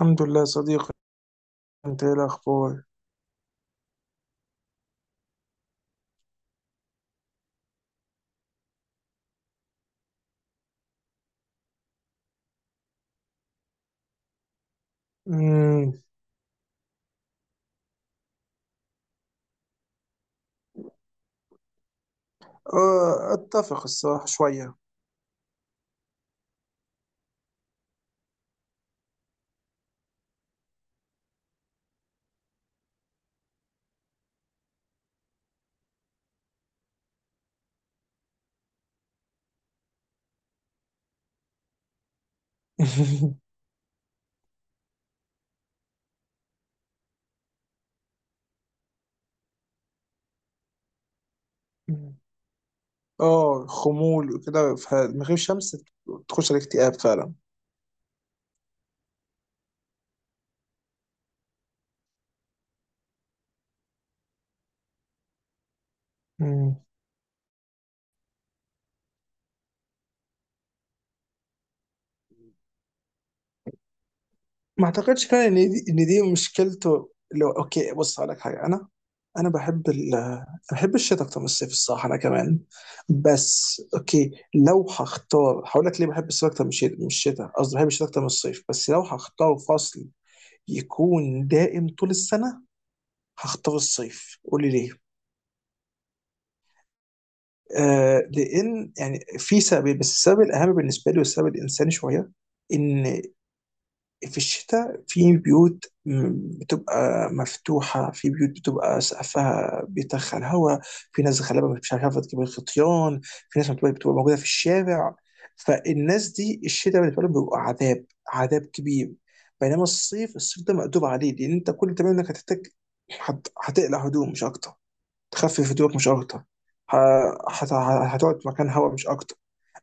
الحمد لله صديقي. انت ايه الاخبار؟ امم اتفق الصراحه شويه. اه، خمول وكده، فمن غير شمس تخش على الاكتئاب فعلا. مم. ما اعتقدش فعلا ان دي مشكلته. لو اوكي بص هقول لك حاجه. انا انا بحب ال بحب الشتاء اكتر من الصيف الصراحه، انا كمان. بس اوكي، لو هختار هقول لك ليه بحب الصيف اكتر من الشتاء قصدي بحب الشتاء اكتر من الصيف. بس لو هختار فصل يكون دائم طول السنه، هختار الصيف. قولي ليه. آه، لان يعني في سبب، بس السبب الاهم بالنسبه لي والسبب الانساني شويه، ان في الشتاء في بيوت بتبقى مفتوحه، في بيوت بتبقى سقفها بيدخل هواء، في ناس غالبا مش عارفه تجيب الخطيان، في ناس بتبقى موجوده في الشارع. فالناس دي الشتاء بالنسبه لهم بيبقى عذاب، عذاب كبير. بينما الصيف، ده مقدور عليه، لان انت كل اللي بتعمله انك هتحتاج هتقلع هدوم مش اكتر، تخفف هدوءك مش اكتر، ه- هت- هتقعد في مكان هواء مش اكتر.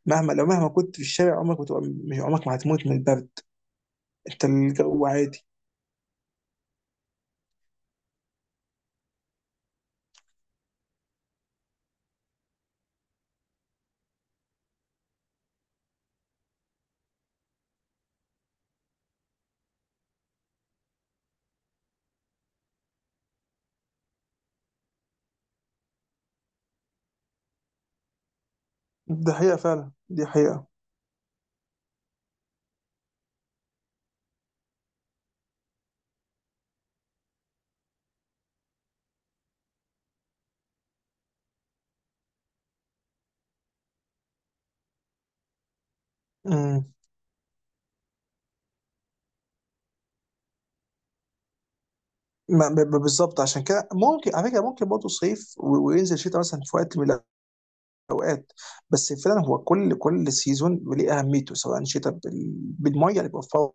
مهما لو مهما كنت في الشارع، عمرك بتبقى مش عمرك ما هتموت من البرد. انت الجو عادي. دي حقيقة فعلا، دي حقيقة. امم بالظبط. عشان كده ممكن، على فكرة، ممكن برضه صيف وينزل شتاء مثلا في وقت من اوقات. بس فعلا هو كل سيزون ليه اهميته، سواء شتاء بالميه اللي بيوفرها،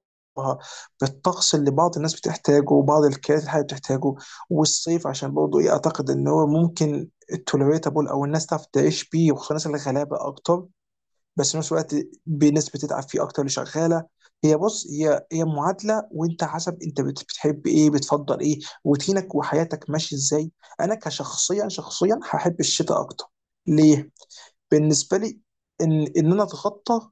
بالطقس اللي بعض الناس بتحتاجه وبعض الكائنات الحيه بتحتاجه. والصيف عشان برضه ايه، اعتقد ان هو ممكن التوليريتابل، او الناس تعرف تعيش بيه، وخصوصا الناس الغلابه اكتر. بس في نفس الوقت بناس بتتعب فيه اكتر، اللي شغاله. هي بص، هي معادله. وانت حسب انت بتحب ايه، بتفضل ايه، روتينك وحياتك ماشي ازاي. انا كشخصيا، شخصيا هحب الشتاء اكتر. ليه؟ بالنسبه لي، ان ان انا اتخطى،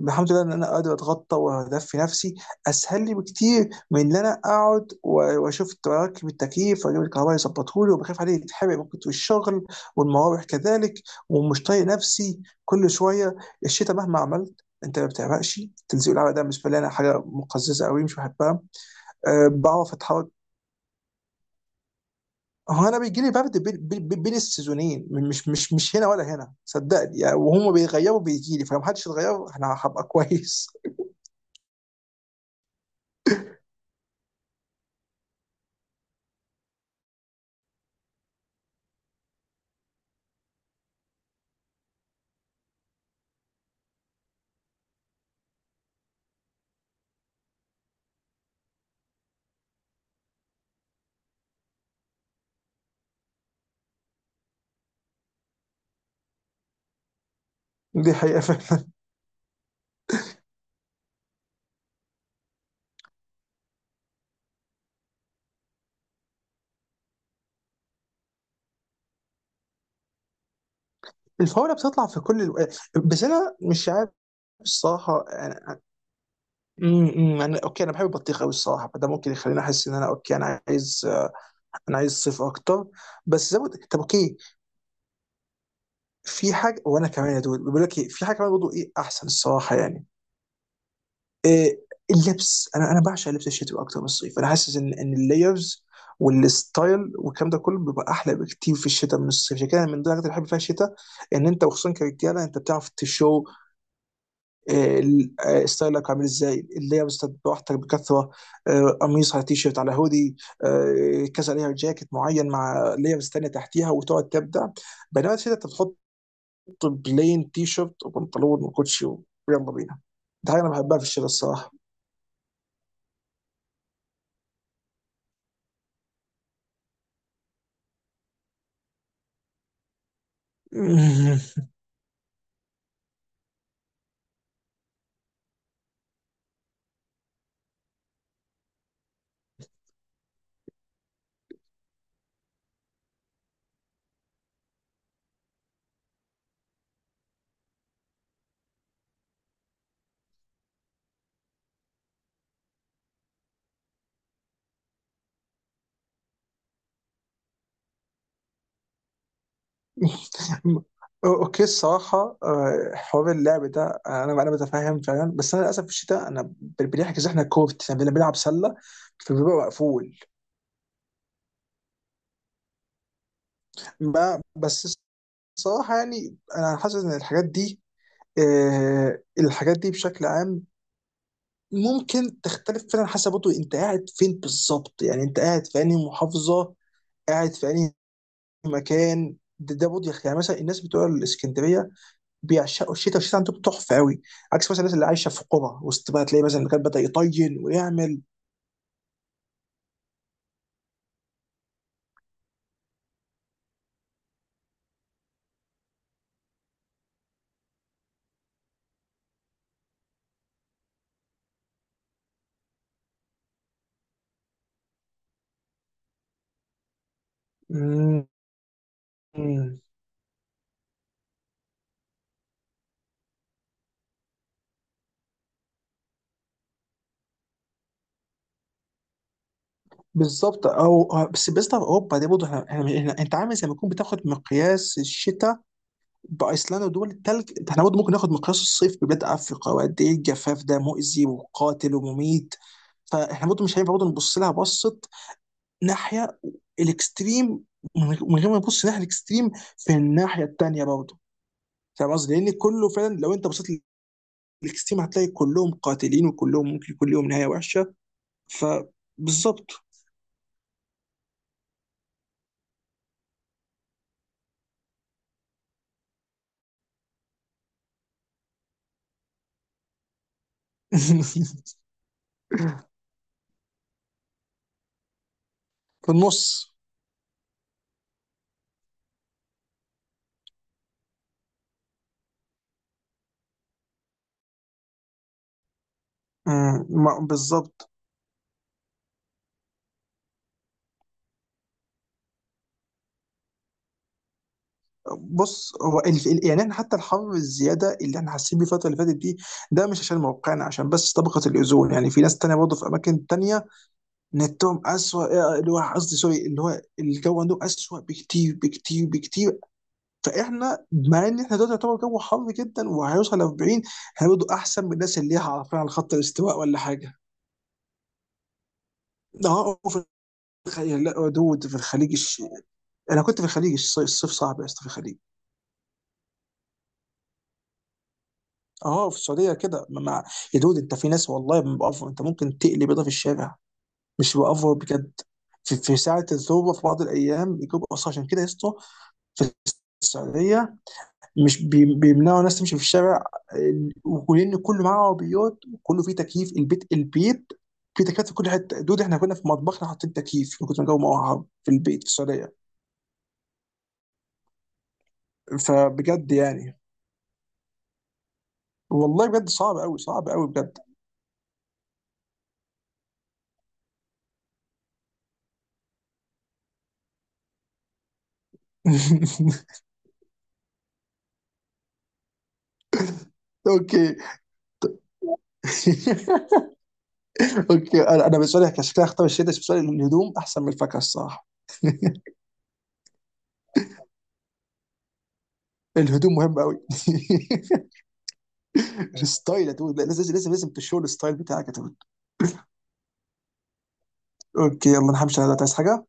الحمد لله ان انا قادر اتغطى واهدفي نفسي اسهل لي بكتير من ان انا اقعد واشوف اركب التكييف واجيب الكهرباء يظبطه لي، وبخاف عليه يتحرق ممكن في الشغل، والمراوح كذلك، ومش طايق نفسي كل شويه. الشتاء مهما عملت انت ما بتعرقش. تلزيق العرق ده بالنسبه لي انا حاجه مقززه قوي، مش بحبها. أه، بعرف اتحرك. هو انا بيجي لي برد بين بين السيزونين، مش هنا ولا هنا، صدقني يعني، وهم بيغيروا بيجي لي. فلو محدش اتغير انا هبقى كويس. دي حقيقة فعلا. الفورة بتطلع في كل الو... بس انا مش عارف الصراحة. انا اوكي، انا بحب البطيخ قوي الصراحة، فده ممكن يخليني احس ان انا اوكي، انا عايز، انا عايز صيف اكتر. بس زي ما قلت، طب اوكي، في حاجة. وانا كمان يا دود بيقول لك في حاجة كمان برضه ايه احسن الصراحة يعني. إيه، اللبس، انا بعشق لبس الشتوي اكتر من الصيف. انا حاسس ان اللايرز والستايل والكلام ده كله بيبقى احلى بكتير في الشتاء من الصيف. عشان كده، من ضمن الحاجات اللي بحب فيها الشتاء ان انت، وخصوصا كرجاله، انت بتعرف تشو، ستايلك عامل ازاي، اللايرز براحتك بكثره. آه، قميص على تي شيرت على هودي، آه، كذا لاير، جاكيت معين مع لايرز تانيه تحتيها، وتقعد تبدع. بينما الشتاء انت بتحط بلين تي شيرت وبنطلون وكوتشي ويلا بينا. ده حاجه انا بحبها في الشتاء الصراحه. اوكي الصراحه، حوار اللعب ده، انا بتفهم فعلا. بس انا للاسف في الشتاء انا بنحجز، احنا كورت احنا بنلعب سله فبيبقى مقفول. ما بس الصراحه يعني، انا حاسس ان الحاجات دي، الحاجات دي بشكل عام ممكن تختلف فعلا حسب برضه انت قاعد فين بالظبط. يعني انت قاعد في انهي محافظه، قاعد في انهي مكان. ده برضه يعني مثلا الناس بتوع الاسكندريه بيعشقوا الشتاء، والشتاء عندهم تحفه قوي، عكس مثلا الناس اللي عايشه في قرى وسط. بقى تلاقي مثلا كان بدا يطين ويعمل. مم. بالظبط. بس بالنسبه لاوروبا دي برضه، انت عامل زي ما تكون بتاخد مقياس الشتاء بايسلندا ودول التلج ده. احنا برضه ممكن ناخد مقياس الصيف ببلاد افريقيا، وقد ايه الجفاف ده مؤذي وقاتل ومميت. فاحنا برضه مش هينفع برضه نبص لها بصه ناحيه الاكستريم. من غير ما نبص ناحيه الاكستريم في الناحيه التانيه برضه. فاهم قصدي؟ لان كله فعلا لو انت بصيت نكس تيم، هتلاقي كلهم قاتلين وكلهم ممكن يكون لهم نهايه وحشه. فبالظبط. في النص. بالظبط. بص، يعني احنا حتى الحر الزياده اللي احنا حاسين بيه الفتره اللي فاتت دي، ده مش عشان موقعنا، عشان بس طبقه الاوزون. يعني في ناس تانية برضه في اماكن تانية نتهم اسوء، اللي هو قصدي سوري، اللي هو الجو عندهم اسوء بكتير، بكتير، بكتير. فاحنا مع ان احنا دلوقتي يعتبر جو حر جدا وهيوصل ل 40، احنا برضه احسن من الناس اللي هي عارفين على خط الاستواء ولا حاجه. اه، في الخليج. لا دود، في الخليج الش... انا كنت في الخليج، الصيف صعب يا اسطى في الخليج. اه، في السعوديه كده مع... يا دود، انت في ناس والله بأفر. انت ممكن تقلي بيضه في الشارع، مش بأفر بجد. في ساعه الذروه في بعض الايام يجيب اصلا. عشان كده يا اسطى، في السعوديه مش بيمنعوا الناس تمشي في الشارع. آه، ولان كله معاه عربيات، وكله فيه تكييف البيت. البيت فيه تكييفات في كل حته. دول احنا كنا في مطبخنا حاطين تكييف من كتر ما الجو موهب في البيت في السعوديه. فبجد يعني، والله بجد صعب قوي، صعب قوي بجد. اوكي. اوكي، انا بالنسبه لي كشكلها اختار الشتا، بس بالنسبه لي الهدوم احسن من الفاكهه الصراحه. الهدوم مهم قوي. الستايل يا دود، لازم لازم لازم تشوف الستايل بتاعك يا دود. اوكي، يلا نحمش على ده. عايز حاجه؟